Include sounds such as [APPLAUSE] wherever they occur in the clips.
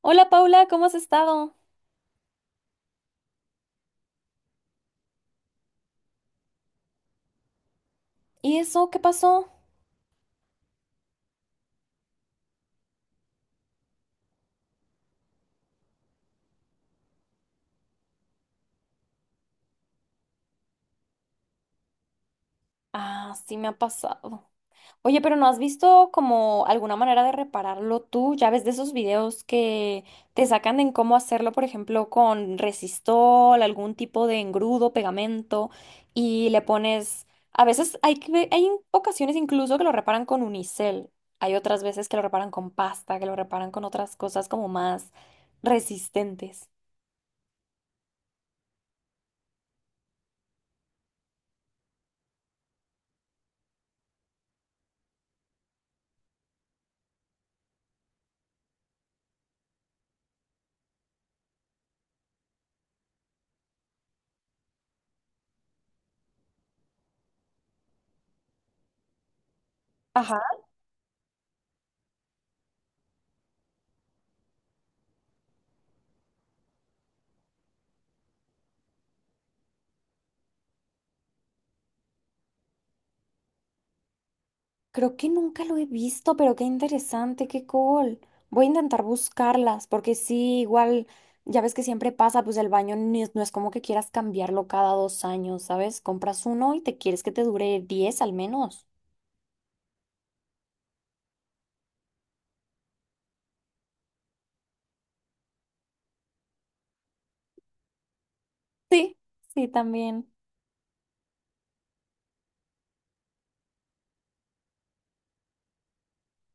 Hola Paula, ¿cómo has estado? ¿Y eso qué pasó? Ah, sí me ha pasado. Oye, pero ¿no has visto como alguna manera de repararlo tú? Ya ves de esos videos que te sacan en cómo hacerlo, por ejemplo, con resistol, algún tipo de engrudo, pegamento, y le pones... A veces hay ocasiones incluso que lo reparan con unicel. Hay otras veces que lo reparan con pasta, que lo reparan con otras cosas como más resistentes. Creo que nunca lo he visto, pero qué interesante, qué cool. Voy a intentar buscarlas, porque sí, igual, ya ves que siempre pasa, pues el baño ni es- no es como que quieras cambiarlo cada dos años, ¿sabes? Compras uno y te quieres que te dure diez al menos. Sí, sí, también.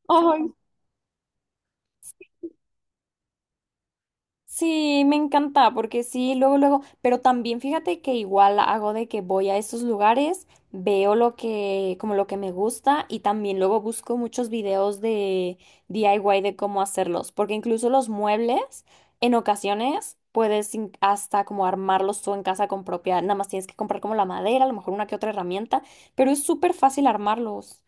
Ay. Sí, me encanta, porque sí, luego, luego, pero también fíjate que igual hago de que voy a esos lugares, veo lo que, como lo que me gusta y también luego busco muchos videos de DIY de cómo hacerlos, porque incluso los muebles, en ocasiones puedes hasta como armarlos tú en casa con propia, nada más tienes que comprar como la madera, a lo mejor una que otra herramienta, pero es súper fácil armarlos.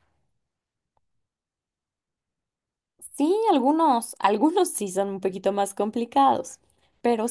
Sí, algunos, [LAUGHS] algunos sí son un poquito más complicados. Pero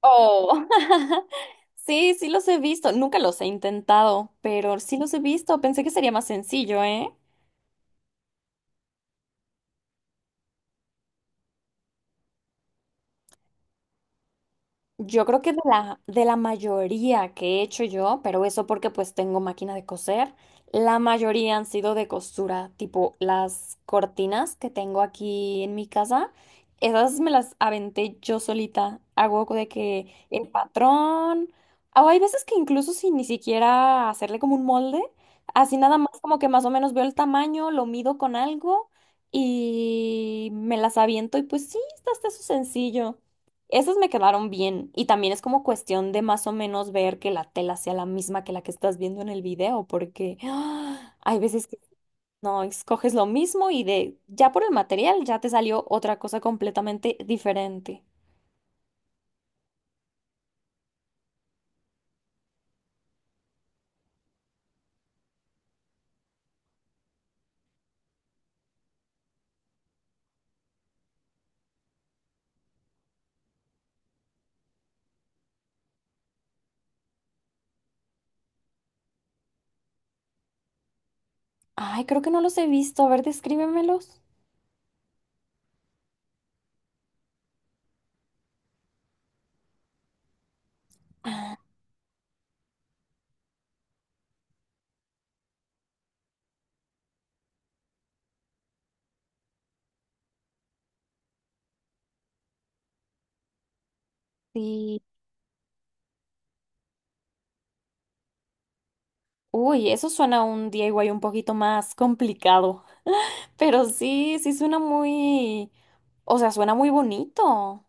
Oh, [LAUGHS] sí, sí los he visto. Nunca los he intentado, pero sí los he visto. Pensé que sería más sencillo, ¿eh? Yo creo que de la mayoría que he hecho yo, pero eso porque pues tengo máquina de coser, la mayoría han sido de costura, tipo las cortinas que tengo aquí en mi casa, esas me las aventé yo solita. Hago de que el patrón, o hay veces que incluso sin ni siquiera hacerle como un molde, así nada más como que más o menos veo el tamaño, lo mido con algo y me las aviento y pues sí, está hasta eso sencillo. Esas me quedaron bien y también es como cuestión de más o menos ver que la tela sea la misma que la que estás viendo en el video, porque ¡ah! Hay veces que no escoges lo mismo y de ya por el material ya te salió otra cosa completamente diferente. Ay, creo que no los he visto. A ver, descríbemelos. Ah, sí. Uy, eso suena a un DIY un poquito más complicado, [LAUGHS] pero sí, sí suena muy, o sea, suena muy bonito.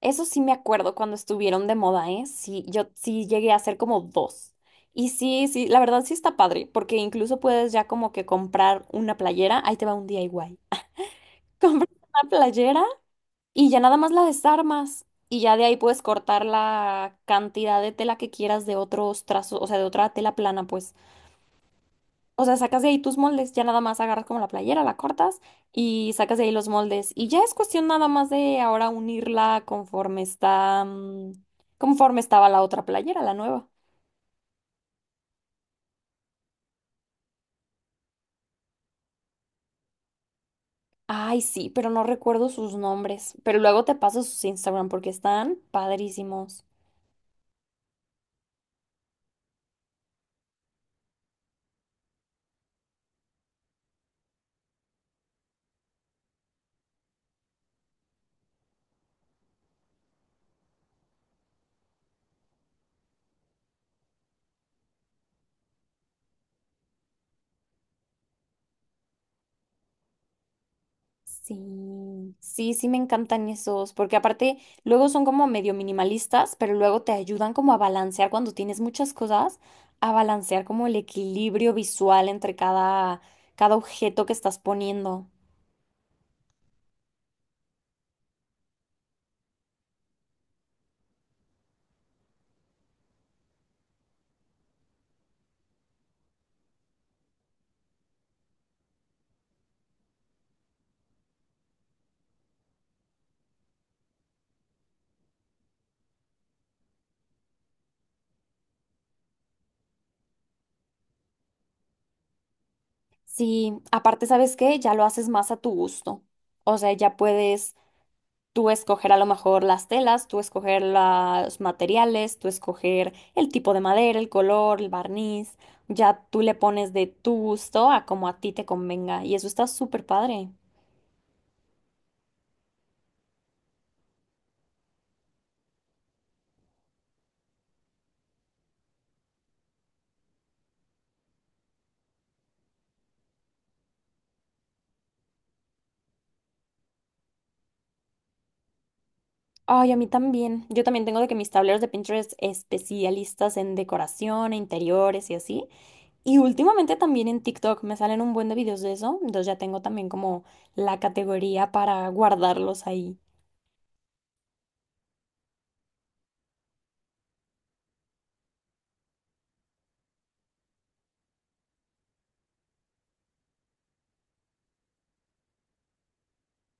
Eso sí me acuerdo cuando estuvieron de moda, ¿eh? Sí, yo sí llegué a hacer como dos. Y sí, sí, la verdad sí está padre, porque incluso puedes ya como que comprar una playera, ahí te va un DIY. [LAUGHS] Compras una playera y ya nada más la desarmas y ya de ahí puedes cortar la cantidad de tela que quieras de otros trazos, o sea, de otra tela plana, pues. O sea, sacas de ahí tus moldes, ya nada más agarras como la playera, la cortas y sacas de ahí los moldes. Y ya es cuestión nada más de ahora unirla conforme está, mm, conforme estaba la otra playera, la nueva. Ay, sí, pero no recuerdo sus nombres. Pero luego te paso sus Instagram porque están padrísimos. Sí, sí, sí me encantan esos, porque aparte luego son como medio minimalistas, pero luego te ayudan como a balancear cuando tienes muchas cosas, a balancear como el equilibrio visual entre cada objeto que estás poniendo. Sí, aparte, ¿sabes qué? Ya lo haces más a tu gusto. O sea, ya puedes tú escoger a lo mejor las telas, tú escoger los materiales, tú escoger el tipo de madera, el color, el barniz. Ya tú le pones de tu gusto a como a ti te convenga. Y eso está súper padre. Ay, a mí también. Yo también tengo de que mis tableros de Pinterest especialistas en decoración, e interiores y así. Y últimamente también en TikTok me salen un buen de videos de eso. Entonces ya tengo también como la categoría para guardarlos ahí.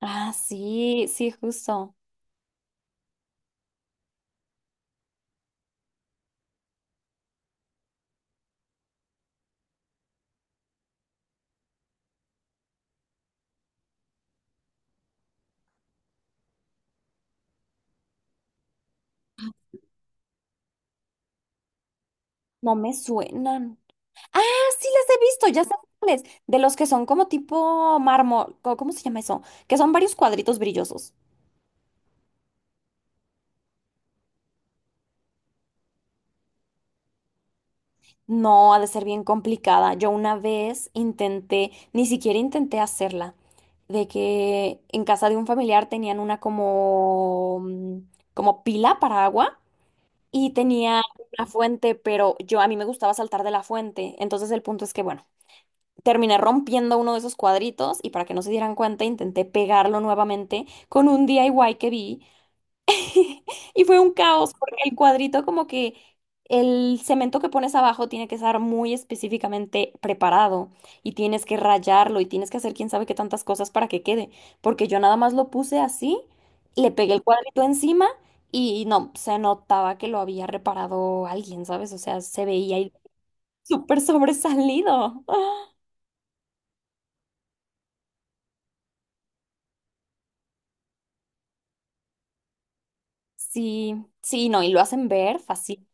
Ah, sí, sí, justo. No me suenan. Ah, sí las he visto, ya sé cuáles. De los que son como tipo mármol, ¿cómo se llama eso? Que son varios cuadritos brillosos. No, ha de ser bien complicada. Yo una vez intenté, ni siquiera intenté hacerla, de que en casa de un familiar tenían una como, mm, como pila para agua y tenía una fuente, pero yo a mí me gustaba saltar de la fuente. Entonces el punto es que, bueno. Terminé rompiendo uno de esos cuadritos y para que no se dieran cuenta intenté pegarlo nuevamente con un DIY que vi [LAUGHS] y fue un caos porque el cuadrito como que el cemento que pones abajo tiene que estar muy específicamente preparado y tienes que rayarlo y tienes que hacer quién sabe qué tantas cosas para que quede porque yo nada más lo puse así, le pegué el cuadrito encima y no, se notaba que lo había reparado alguien, ¿sabes? O sea, se veía ahí súper sobresalido. Sí, sí, no, y lo hacen ver fácil.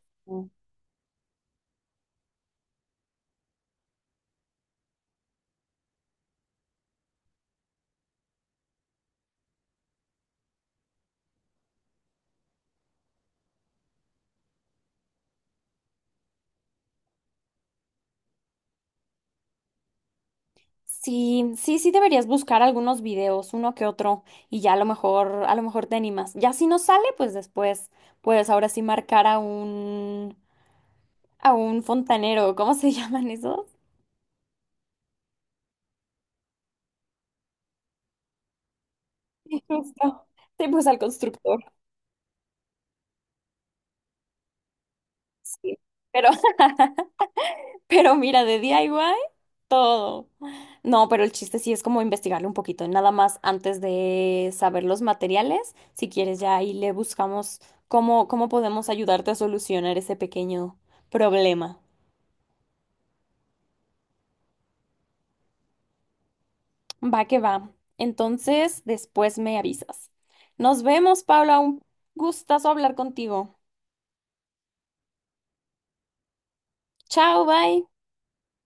Sí, sí, sí deberías buscar algunos videos, uno que otro, y ya a lo mejor te animas. Ya si no sale, pues después, pues ahora sí marcar a un fontanero, ¿cómo se llaman esos? [LAUGHS] Justo. Sí, pues al constructor. Sí. Pero Pero mira, de DIY, todo. No, pero el chiste sí es como investigarle un poquito, nada más antes de saber los materiales. Si quieres, ya ahí le buscamos cómo podemos ayudarte a solucionar ese pequeño problema. Va que va. Entonces, después me avisas. Nos vemos, Paula. Un gustazo hablar contigo. Chao, bye.